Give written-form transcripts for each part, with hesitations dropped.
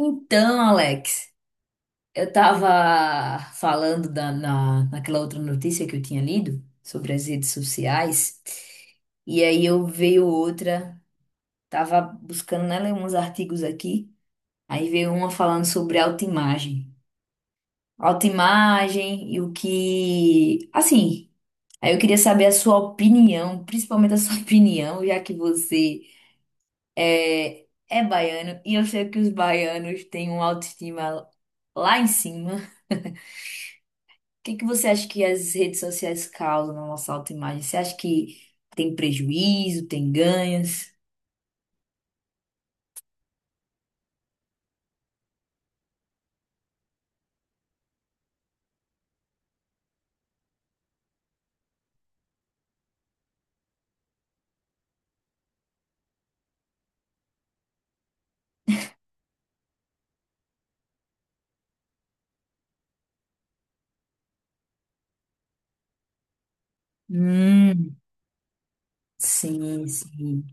Então, Alex, eu tava falando naquela outra notícia que eu tinha lido sobre as redes sociais, e aí eu veio outra, tava buscando nela uns artigos aqui, aí veio uma falando sobre autoimagem. Autoimagem e o que. Assim, aí eu queria saber a sua opinião, principalmente a sua opinião, já que você é, é baiano, e eu sei que os baianos têm uma autoestima lá em cima. Que você acha que as redes sociais causam na nossa autoimagem? Você acha que tem prejuízo, tem ganhos? Hum, sim, sim,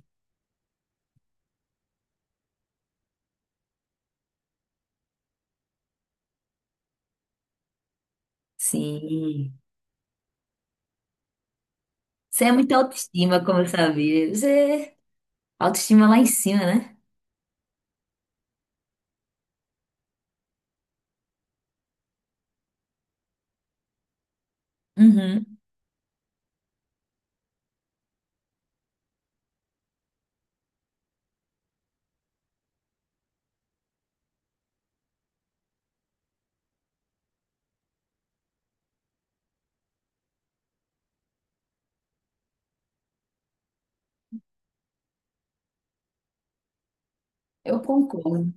sim. Você é muito autoestima, como eu sabia. Você é autoestima lá em cima, né? Uhum, eu concordo.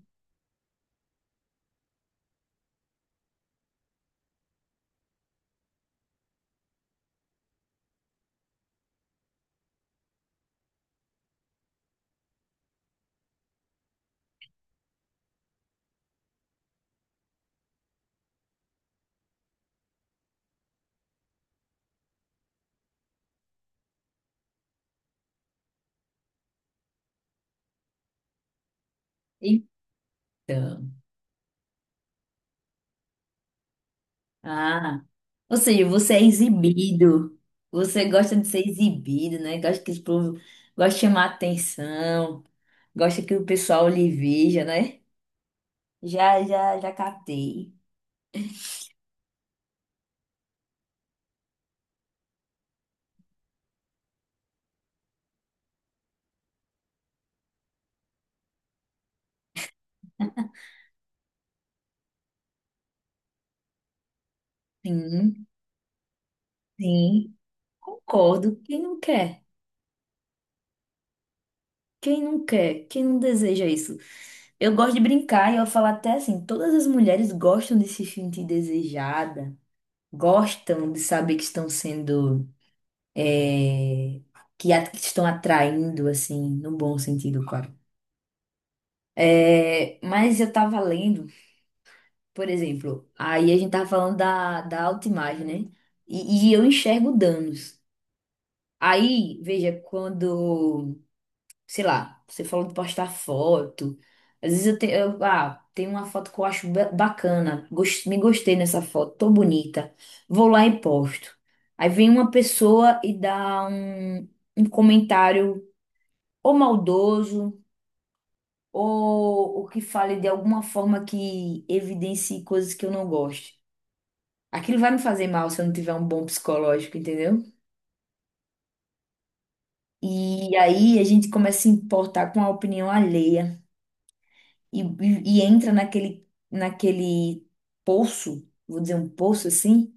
Então, ah, ou seja, você é exibido. Você gosta de ser exibido, né? Gosta que o povo gosta de chamar atenção, gosta que o pessoal lhe veja, né? Já, já, já captei. Sim, sim, concordo. Quem não quer? Quem não quer? Quem não deseja isso? Eu gosto de brincar e eu falo até assim, todas as mulheres gostam de se sentir desejada, gostam de saber que estão sendo, é, que, que estão atraindo, assim, no bom sentido, claro. É, mas eu tava lendo, por exemplo, aí a gente tava falando da autoimagem, né? E eu enxergo danos. Aí, veja, quando sei lá, você falou de postar foto. Às vezes eu, tenho eu ah, tem uma foto que eu acho bacana, me gostei nessa foto, tô bonita. Vou lá e posto. Aí vem uma pessoa e dá um comentário ou maldoso, ou que fale de alguma forma que evidencie coisas que eu não gosto. Aquilo vai me fazer mal se eu não tiver um bom psicológico, entendeu? E aí a gente começa a se importar com a opinião alheia. E entra naquele poço, vou dizer um poço assim,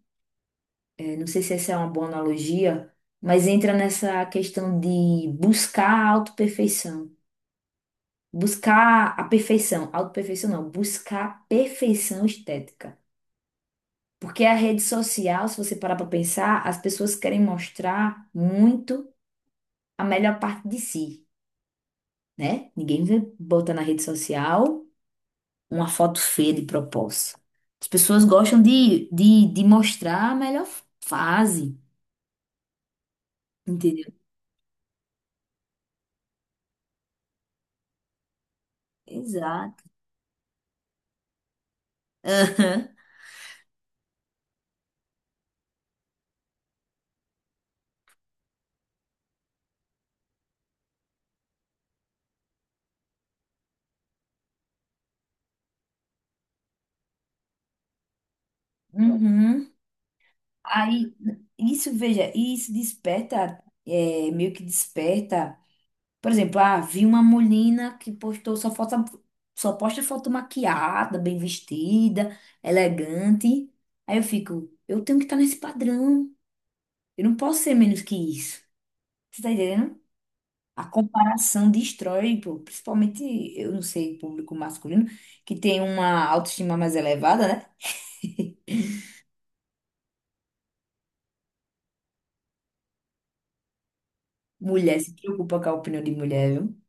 não sei se essa é uma boa analogia, mas entra nessa questão de buscar a autoperfeição. Buscar a perfeição, autoperfeição não, buscar a perfeição estética. Porque a rede social, se você parar para pensar, as pessoas querem mostrar muito a melhor parte de si, né? Ninguém vai botar na rede social uma foto feia de propósito. As pessoas gostam de mostrar a melhor fase, entendeu? Exato. Aham. Uhum. Aí, isso, veja, isso desperta, é, meio que desperta. Por exemplo, ah, vi uma menina que postou só foto, só posta foto maquiada, bem vestida, elegante. Aí eu fico, eu tenho que estar nesse padrão. Eu não posso ser menos que isso. Você tá entendendo? A comparação destrói, pô, principalmente, eu não sei, público masculino, que tem uma autoestima mais elevada, né? Mulher se preocupa com a opinião de mulher, viu?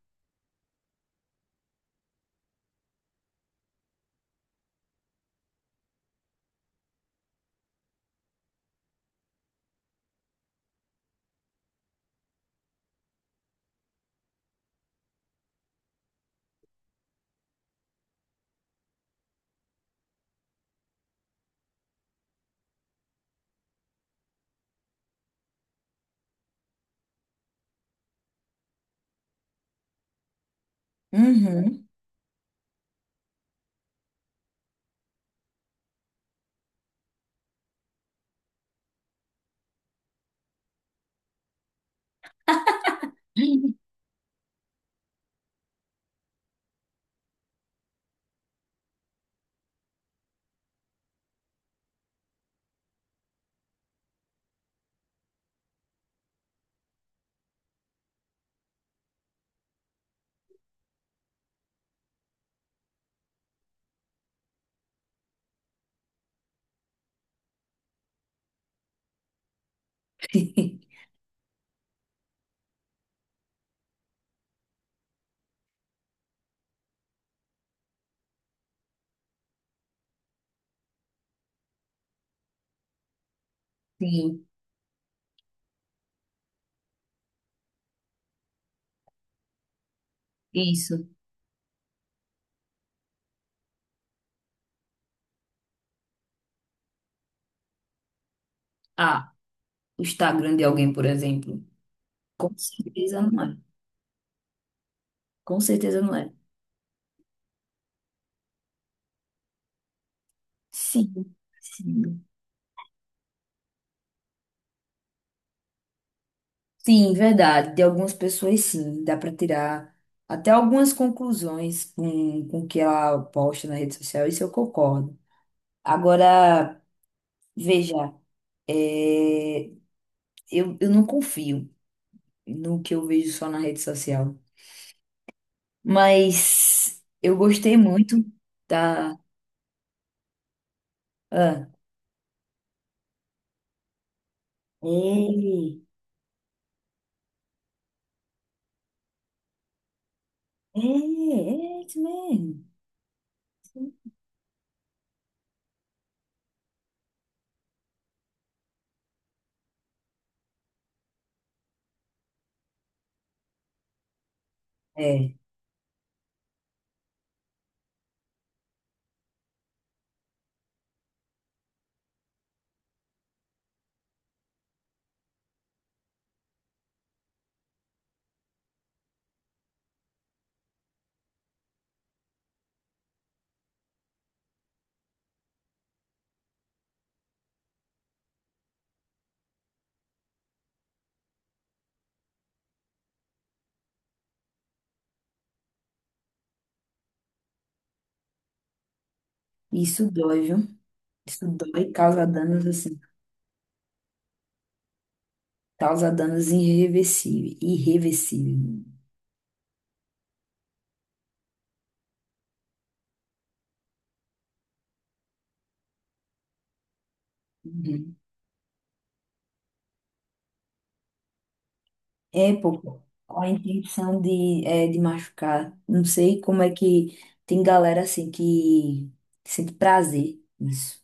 Uhum. Sim, isso. Ah, o Instagram de alguém, por exemplo. Com certeza não é. Com certeza não é. Sim, sim. Sim, verdade. De algumas pessoas, sim. Dá para tirar até algumas conclusões com o que ela posta na rede social. Isso eu concordo. Agora. Veja, é, eu não confio no que eu vejo só na rede social, mas eu gostei muito da. Ah, ei, é isso mesmo. É, isso dói, viu? Isso dói, e causa danos assim, causa danos irreversíveis, irreversíveis. Uhum. É, pô, com a intenção de, é, de machucar. Não sei como é que tem galera assim que sente prazer nisso.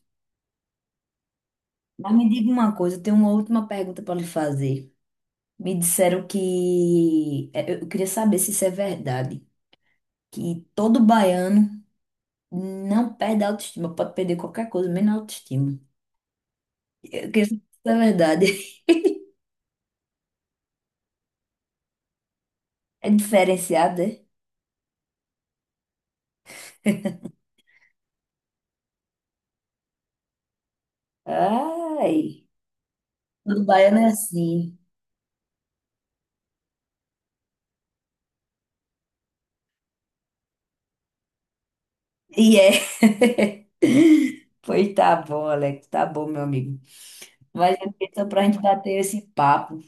Mas me diga uma coisa, eu tenho uma última pergunta para lhe fazer. Me disseram que. Eu queria saber se isso é verdade. Que todo baiano não perde a autoestima, pode perder qualquer coisa, menos a autoestima. Eu queria saber se isso é verdade. É diferenciado, é? Ai, todo baiano é assim. E é. Pois tá bom, Alex, tá bom, meu amigo. Mas eu queria só pra gente bater esse papo.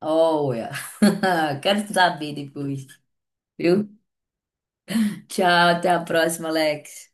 Olha, quero saber depois. Viu? Tchau, até a próxima, Alex.